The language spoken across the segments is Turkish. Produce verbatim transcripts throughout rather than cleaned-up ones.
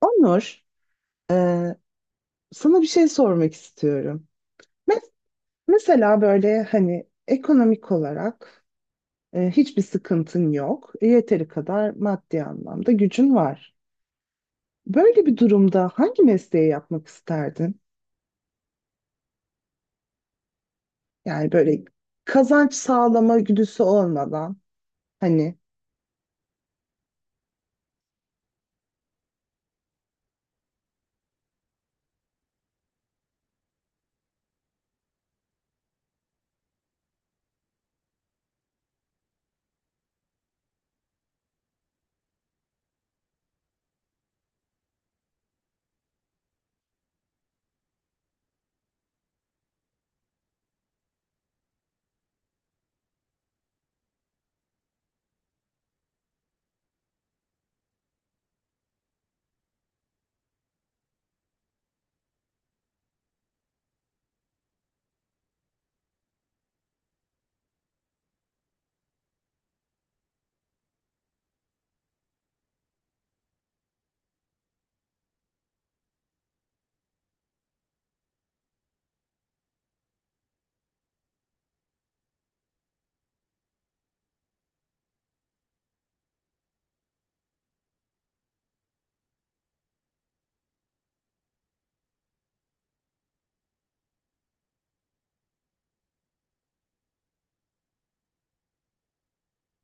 Onur, e, sana bir şey sormak istiyorum. Me- Mesela böyle hani ekonomik olarak e, hiçbir sıkıntın yok. E, Yeteri kadar maddi anlamda gücün var. Böyle bir durumda hangi mesleği yapmak isterdin? Yani böyle kazanç sağlama güdüsü olmadan hani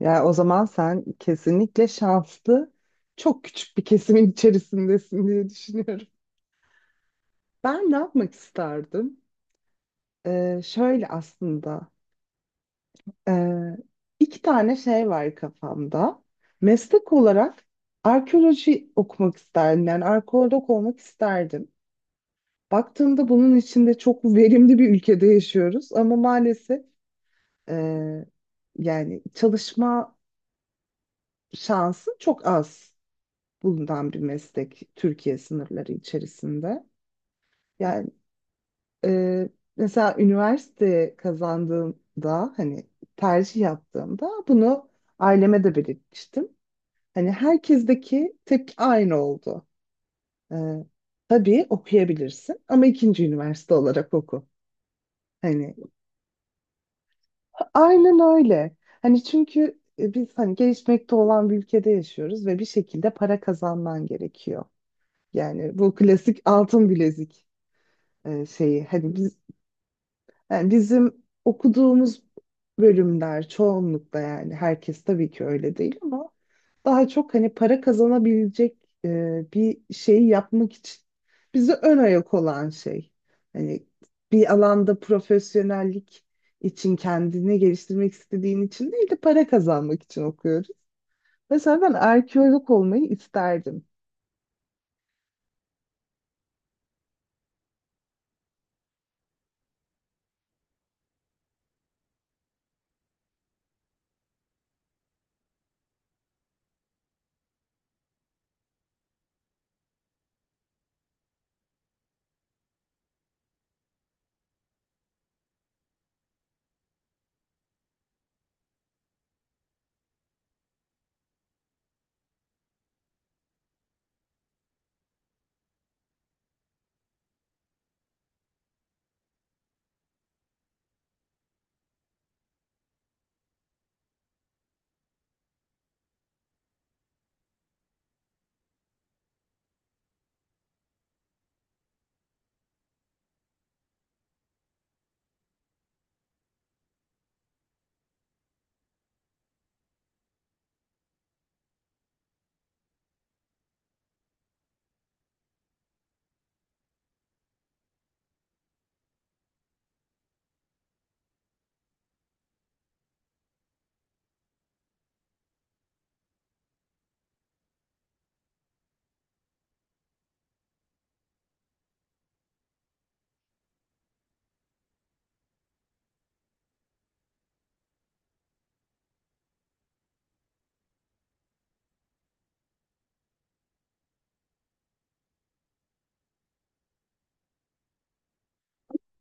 ya o zaman sen kesinlikle şanslı çok küçük bir kesimin içerisindesin diye düşünüyorum. Ben ne yapmak isterdim? E, şöyle aslında. Ee, iki tane şey var kafamda. Meslek olarak arkeoloji okumak isterdim. Yani arkeolog olmak isterdim. Baktığımda bunun içinde çok verimli bir ülkede yaşıyoruz ama maalesef e, yani çalışma şansı çok az bulunan bir meslek Türkiye sınırları içerisinde. Yani e, mesela üniversite kazandığımda hani tercih yaptığımda bunu aileme de belirtmiştim. Hani herkesteki tek aynı oldu. Ee, tabii okuyabilirsin ama ikinci üniversite olarak oku. Hani aynen öyle. Hani çünkü e, biz hani gelişmekte olan bir ülkede yaşıyoruz ve bir şekilde para kazanman gerekiyor. Yani bu klasik altın bilezik e, şeyi. Hani biz yani bizim okuduğumuz bölümler çoğunlukla yani herkes tabii ki öyle değil ama daha çok hani para kazanabilecek e, bir şeyi yapmak için bize ön ayak olan şey. Hani bir alanda profesyonellik için kendini geliştirmek istediğin için değil de para kazanmak için okuyoruz. Mesela ben arkeolog olmayı isterdim.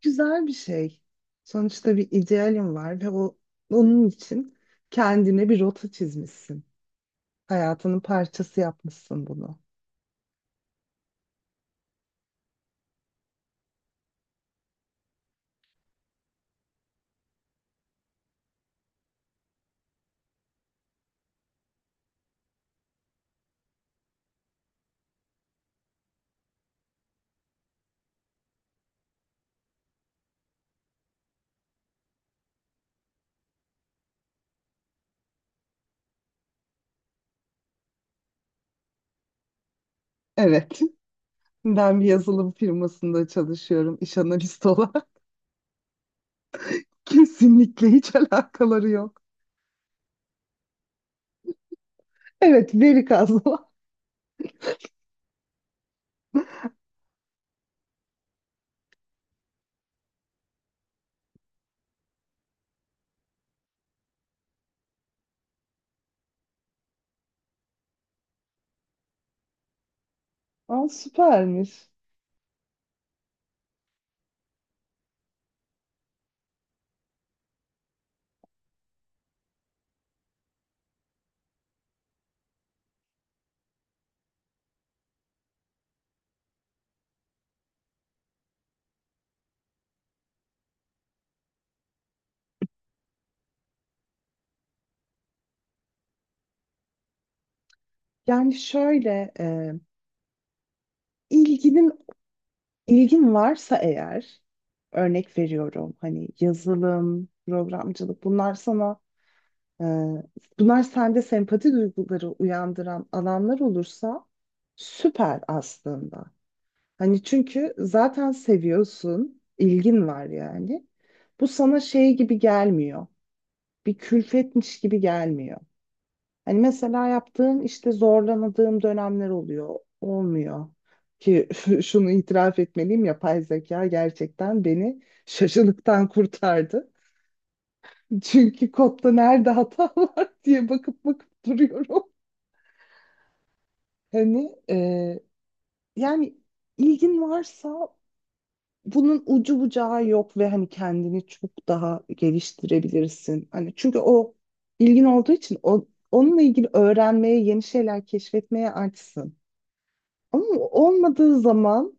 Güzel bir şey. Sonuçta bir idealim var ve o onun için kendine bir rota çizmişsin. Hayatının parçası yapmışsın bunu. Evet. Ben bir yazılım firmasında çalışıyorum iş analisti olarak. Kesinlikle hiç alakaları yok. Evet, veri kazma. Aa, süpermiş. Yani şöyle e, ilginin ilgin varsa eğer örnek veriyorum hani yazılım, programcılık bunlar sana e, bunlar sende sempati duyguları uyandıran alanlar olursa süper aslında. Hani çünkü zaten seviyorsun, ilgin var yani. Bu sana şey gibi gelmiyor. Bir külfetmiş gibi gelmiyor. Hani mesela yaptığım işte zorlanadığım dönemler oluyor, olmuyor. Ki şunu itiraf etmeliyim, yapay zeka gerçekten beni şaşılıktan kurtardı. Çünkü kodda nerede hata var diye bakıp bakıp duruyorum. Hani e, yani ilgin varsa bunun ucu bucağı yok ve hani kendini çok daha geliştirebilirsin. Hani çünkü o ilgin olduğu için o, onunla ilgili öğrenmeye, yeni şeyler keşfetmeye açsın. Ama olmadığı zaman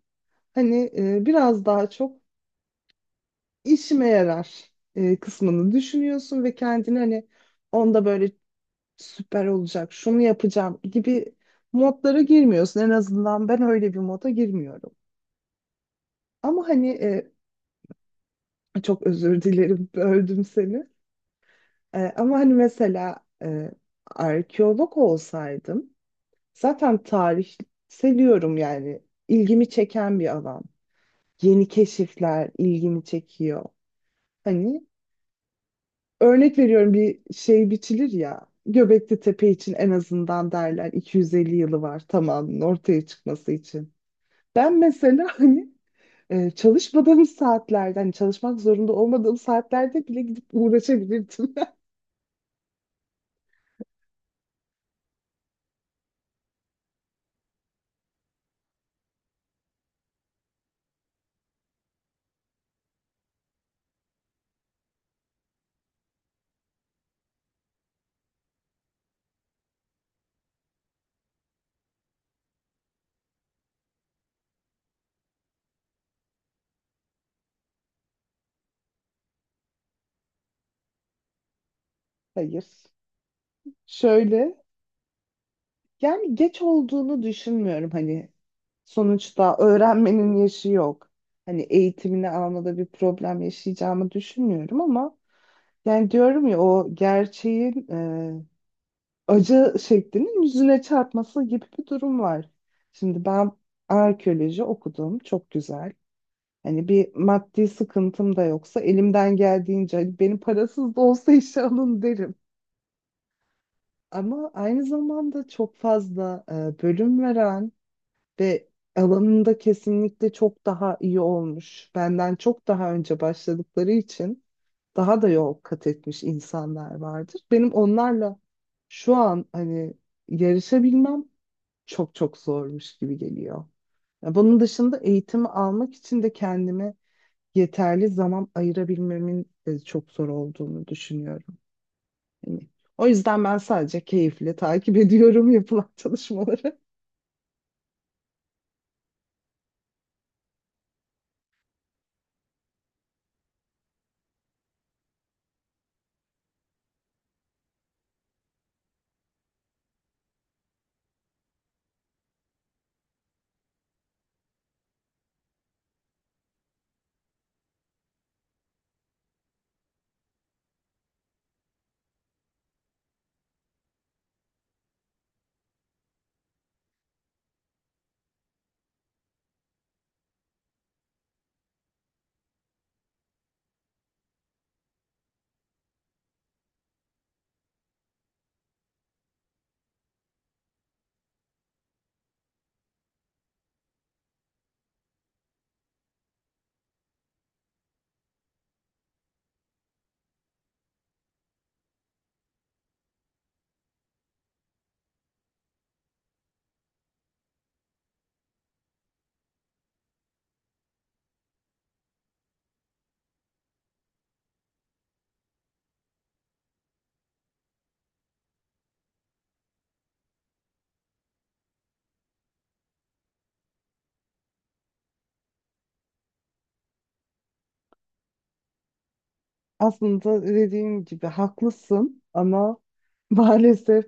hani e, biraz daha çok işime yarar e, kısmını düşünüyorsun ve kendini hani onda böyle süper olacak, şunu yapacağım gibi modlara girmiyorsun. En azından ben öyle bir moda girmiyorum. Ama hani e, çok özür dilerim, böldüm seni. Ee, ama hani mesela e, arkeolog olsaydım zaten tarih seviyorum yani ilgimi çeken bir alan. Yeni keşifler ilgimi çekiyor. Hani örnek veriyorum bir şey biçilir ya Göbekli Tepe için en azından derler iki yüz elli yılı var tamamının ortaya çıkması için. Ben mesela hani e, çalışmadığım saatlerde hani çalışmak zorunda olmadığım saatlerde bile gidip uğraşabilirdim. Hayır. Şöyle, yani geç olduğunu düşünmüyorum hani sonuçta öğrenmenin yaşı yok. Hani eğitimini almada bir problem yaşayacağımı düşünmüyorum ama yani diyorum ya o gerçeğin e, acı şeklinin yüzüne çarpması gibi bir durum var. Şimdi ben arkeoloji okudum, çok güzel. Hani bir maddi sıkıntım da yoksa elimden geldiğince hani benim parasız da olsa işe alın derim. Ama aynı zamanda çok fazla e, bölüm veren ve alanında kesinlikle çok daha iyi olmuş. Benden çok daha önce başladıkları için daha da yol kat etmiş insanlar vardır. Benim onlarla şu an hani yarışabilmem çok çok zormuş gibi geliyor. Ya bunun dışında eğitimi almak için de kendimi yeterli zaman ayırabilmemin de çok zor olduğunu düşünüyorum. Hani o yüzden ben sadece keyifle takip ediyorum yapılan çalışmaları. Aslında dediğim gibi haklısın ama maalesef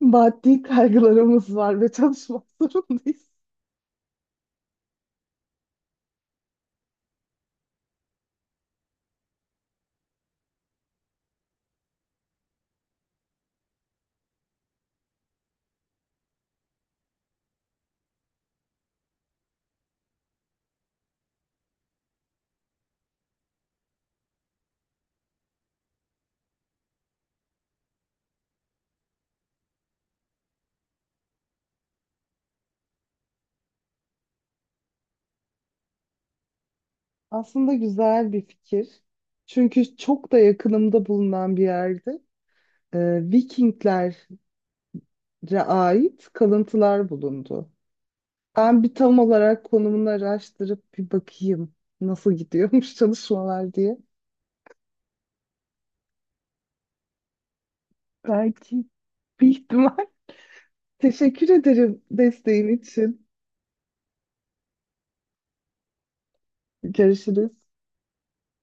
maddi kaygılarımız var ve çalışmak zorundayız. Aslında güzel bir fikir. Çünkü çok da yakınımda bulunan bir yerde e, Vikinglere ait kalıntılar bulundu. Ben bir tam olarak konumunu araştırıp bir bakayım nasıl gidiyormuş çalışmalar diye. Belki bir ihtimal. Teşekkür ederim desteğin için. Görüşürüz.